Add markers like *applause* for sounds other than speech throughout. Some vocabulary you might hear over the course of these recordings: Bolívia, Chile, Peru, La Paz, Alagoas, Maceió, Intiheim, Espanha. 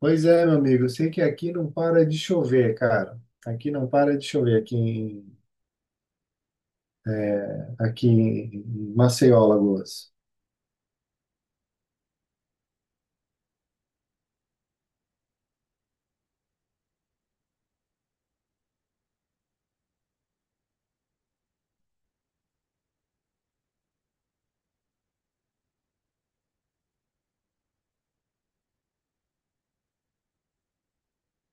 Pois é, meu amigo, eu sei que aqui não para de chover, cara. Aqui não para de chover, aqui em Maceió, Alagoas.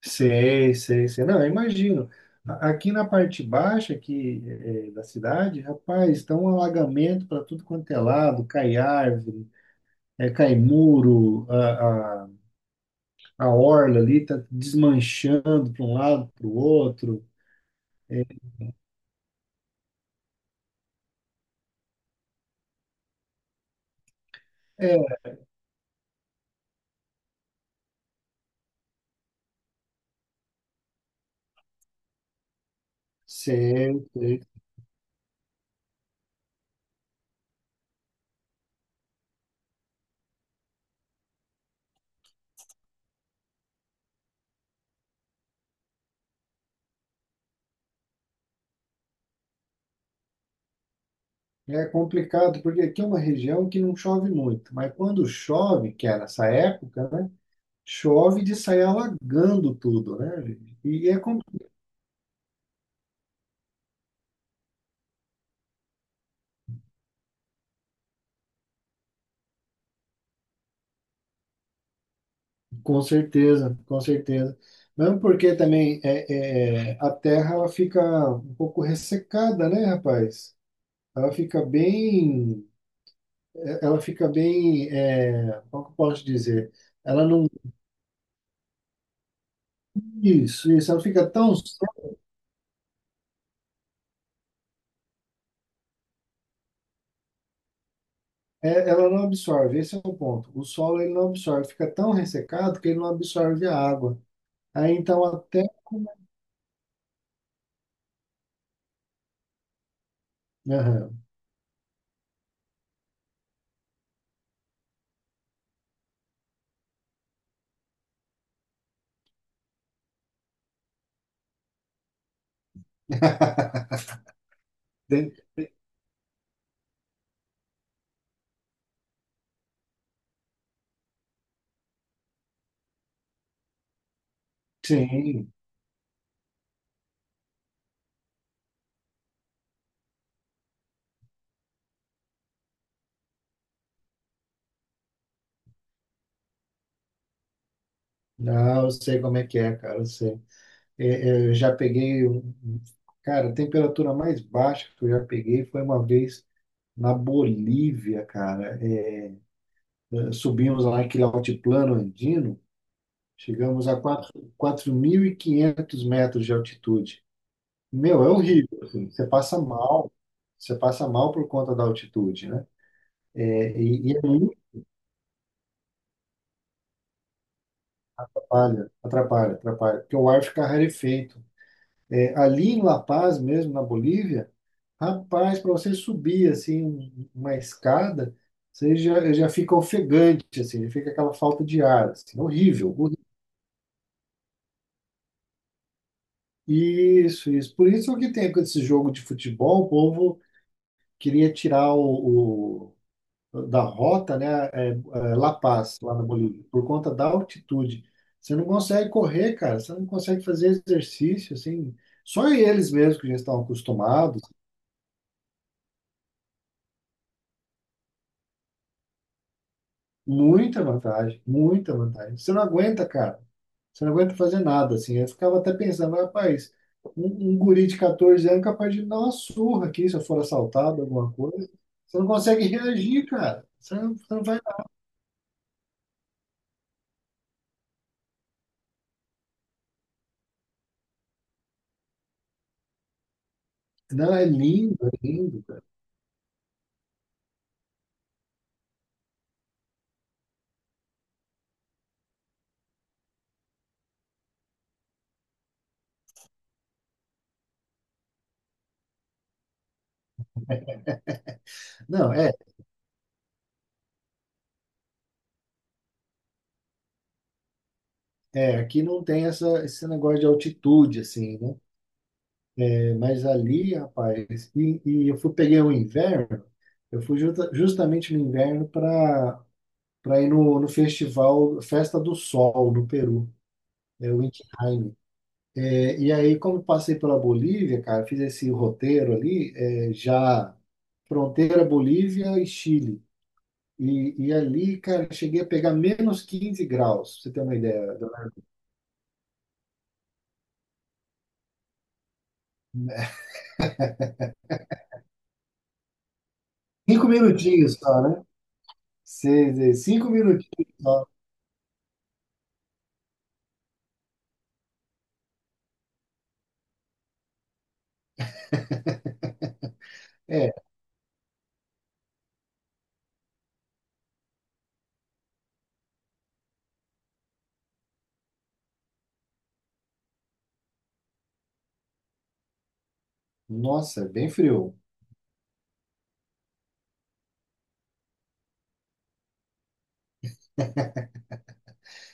Sei, sei, sei. Não, eu imagino. Aqui na parte baixa aqui, da cidade, rapaz, está um alagamento para tudo quanto é lado, cai árvore, cai muro, a orla ali está desmanchando para um lado, para o outro. É, sei, sei. É complicado, porque aqui é uma região que não chove muito, mas quando chove, que é nessa época, né? Chove de sair alagando tudo, né, gente? Com certeza, com certeza. Mesmo porque também a terra ela fica um pouco ressecada, né, rapaz? Ela fica bem, como que eu posso dizer? Ela não, isso, ela fica tão. É, ela não absorve, esse é o ponto. O solo ele não absorve, fica tão ressecado que ele não absorve a água. Aí então até. Aham. De- de- Sim, não, eu sei como é que é, cara, eu sei. Eu já peguei, um- cara, a temperatura mais baixa que eu já peguei foi uma vez na Bolívia, cara. É, subimos lá aquele altiplano andino, chegamos a 4, 4.500 metros de altitude. Meu, é horrível, assim. Você passa mal por conta da altitude, né? E aí atrapalha, porque o ar fica rarefeito. É, ali em La Paz mesmo, na Bolívia, rapaz, para você subir assim uma escada, você já fica ofegante, assim, já fica aquela falta de ar, assim, horrível, horrível. Isso, isso. Por isso que tem com esse jogo de futebol, o povo queria tirar da rota, né, La Paz, lá na Bolívia, por conta da altitude. Você não consegue correr, cara, você não consegue fazer exercício, assim. Só eles mesmos que já estão acostumados, muita vantagem, muita vantagem. Você não aguenta, cara. Você não aguenta fazer nada, assim. Eu ficava até pensando, mas, rapaz, um guri de 14 anos é capaz de me dar uma surra aqui se eu for assaltado, alguma coisa. Você não consegue reagir, cara. Você não vai. Não, é lindo, cara. Não, é. É, aqui não tem esse negócio de altitude, assim, né? É, mas ali, rapaz, e eu fui, peguei o inverno, eu fui justamente no inverno para ir no festival Festa do Sol, no Peru, é o Intiheim. É, e aí, como passei pela Bolívia, cara, fiz esse roteiro ali, já fronteira Bolívia e Chile. E ali, cara, cheguei a pegar menos 15 graus, pra você ter uma ideia. 5 minutinhos só, né? Seis, seis, 5 minutinhos só. É, nossa, é bem frio.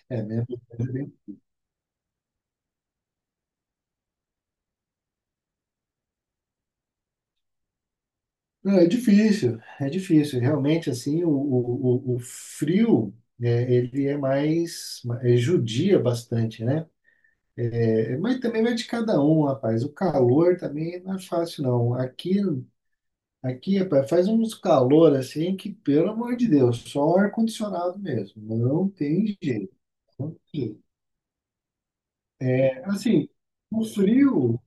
É mesmo. Não, é difícil, é difícil. Realmente, assim, o frio, né, ele é mais, judia bastante, né? É, mas também vai de cada um, rapaz. O calor também não é fácil, não. Aqui, rapaz, faz uns calor, assim, que, pelo amor de Deus, só ar-condicionado mesmo. Não tem jeito. Não tem. Assim, o frio.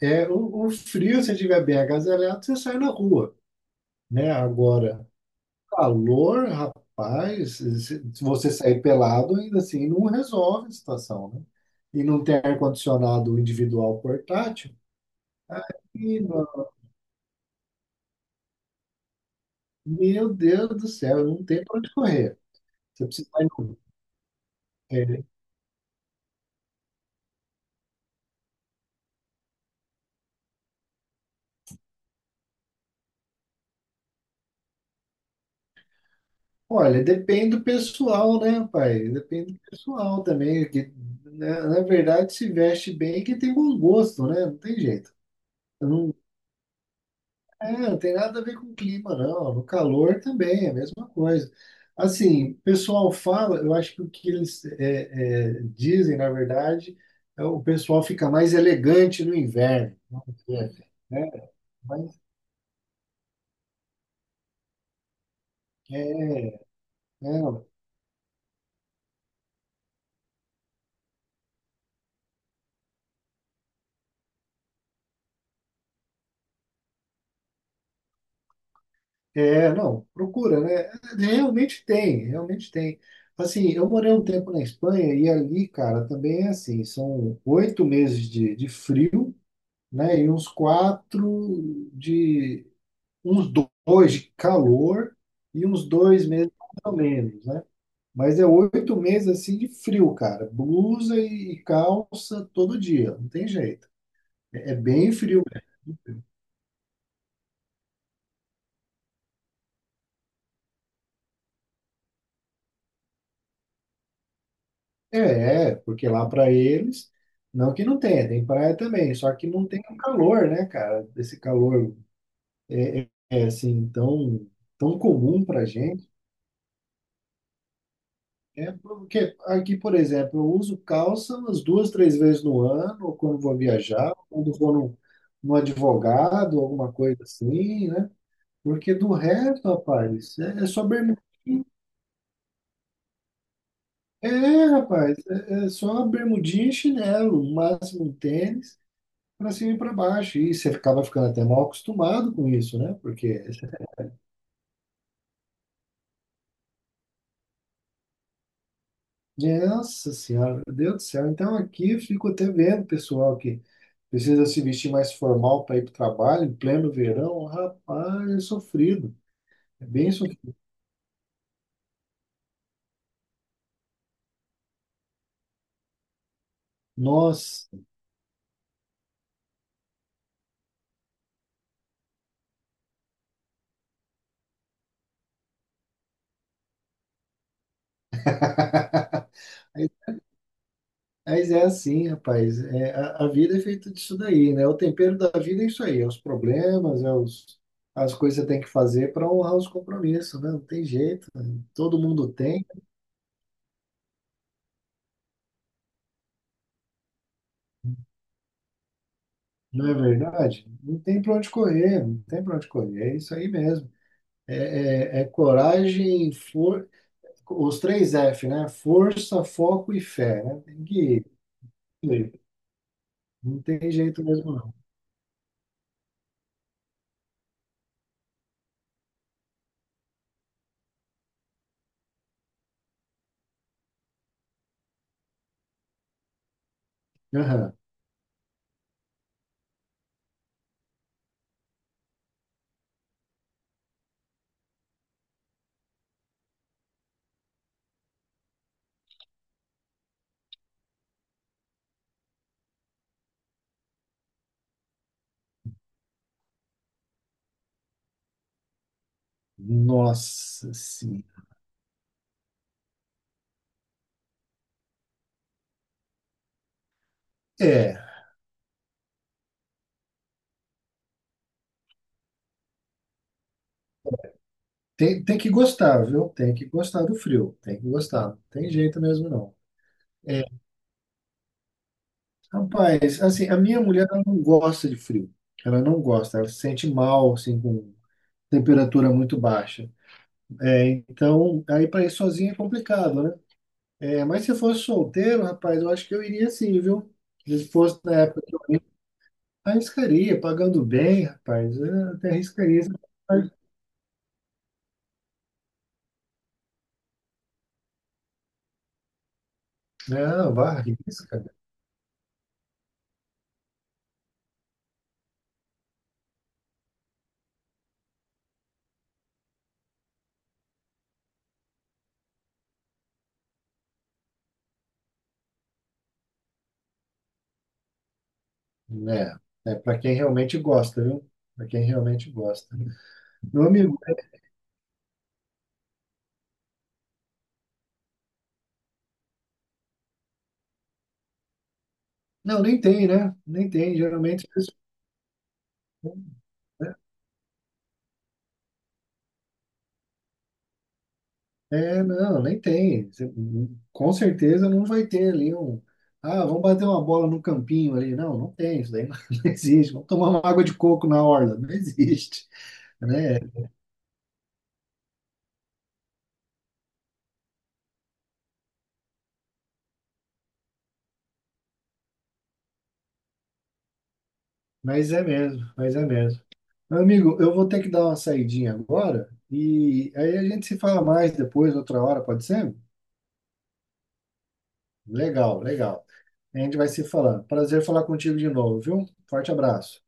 É, o frio, se tiver bem agasalhado, você sai na rua, né? Agora, calor, rapaz, se você sair pelado, ainda assim, não resolve a situação, né? E não tem ar-condicionado individual portátil, aí, mano, meu Deus do céu, não tem pra onde correr. Você precisa sair na. É, olha, depende do pessoal, né, pai? Depende do pessoal também, que, né, na verdade, se veste bem que tem bom gosto, né? Não tem jeito. É, não tem nada a ver com o clima, não. No calor também é a mesma coisa. Assim, o pessoal fala, eu acho que o que eles dizem, na verdade, é o pessoal fica mais elegante no inverno, vamos dizer, assim, né? Mas é, não, é, não, procura, né? Realmente tem, realmente tem. Assim, eu morei um tempo na Espanha e ali, cara, também é assim, são 8 meses de frio, né? E uns dois de calor e uns dois meses mais ou menos, né? Mas é oito meses assim de frio, cara. Blusa e calça todo dia, não tem jeito. É bem frio. É, porque lá para eles, não que não tenha, tem praia também, só que não tem o calor, né, cara? Esse calor assim tão comum para. É porque aqui, por exemplo, eu uso calça umas duas, três vezes no ano, ou quando vou viajar, ou quando vou num advogado, alguma coisa assim, né? Porque do resto, rapaz, é só bermudinha. É, rapaz, é só bermudinha e chinelo, no máximo um tênis, para cima e para baixo. E você acaba ficando até mal acostumado com isso, né? Porque Nossa Senhora, meu Deus do céu. Então aqui eu fico até vendo, pessoal, que precisa se vestir mais formal para ir para o trabalho, em pleno verão. Rapaz, é sofrido. É bem sofrido. Nossa, mas mas é assim, rapaz. É, a vida é feita disso daí, né? O tempero da vida é isso aí, é os problemas, as coisas que você tem que fazer para honrar os compromissos, né? Não tem jeito, né? Todo mundo tem, não é verdade? Não tem para onde correr, não tem para onde correr, é isso aí mesmo. É, é coragem, os três F, né? Força, foco e fé, né? Tem que ir. Não tem jeito mesmo, não. Aham. Nossa, sim. É, tem que gostar, viu? Tem que gostar do frio. Tem que gostar. Não tem jeito mesmo, não. É, rapaz, assim, a minha mulher ela não gosta de frio. Ela não gosta. Ela se sente mal, assim, com temperatura muito baixa. É, então, aí para ir sozinha é complicado, né? É, mas se eu fosse solteiro, rapaz, eu acho que eu iria sim, viu? Se fosse na época que eu ia, arriscaria, pagando bem, rapaz, eu até arriscaria. Não, vá, arrisca, né? É para quem realmente gosta, viu? Para quem realmente gosta, né? Meu amigo, é, não, nem tem, né? Nem tem, geralmente. Né? É, não, nem tem. Com certeza não vai ter ali um. Ah, vamos bater uma bola no campinho ali. Não, não tem, isso daí não, *laughs* não existe. Vamos tomar uma água de coco na orla. Não existe, né? Mas é mesmo, mas é mesmo. Meu amigo, eu vou ter que dar uma saidinha agora e aí a gente se fala mais depois, outra hora, pode ser? Legal, legal. A gente vai se falando. Prazer falar contigo de novo, viu? Forte abraço.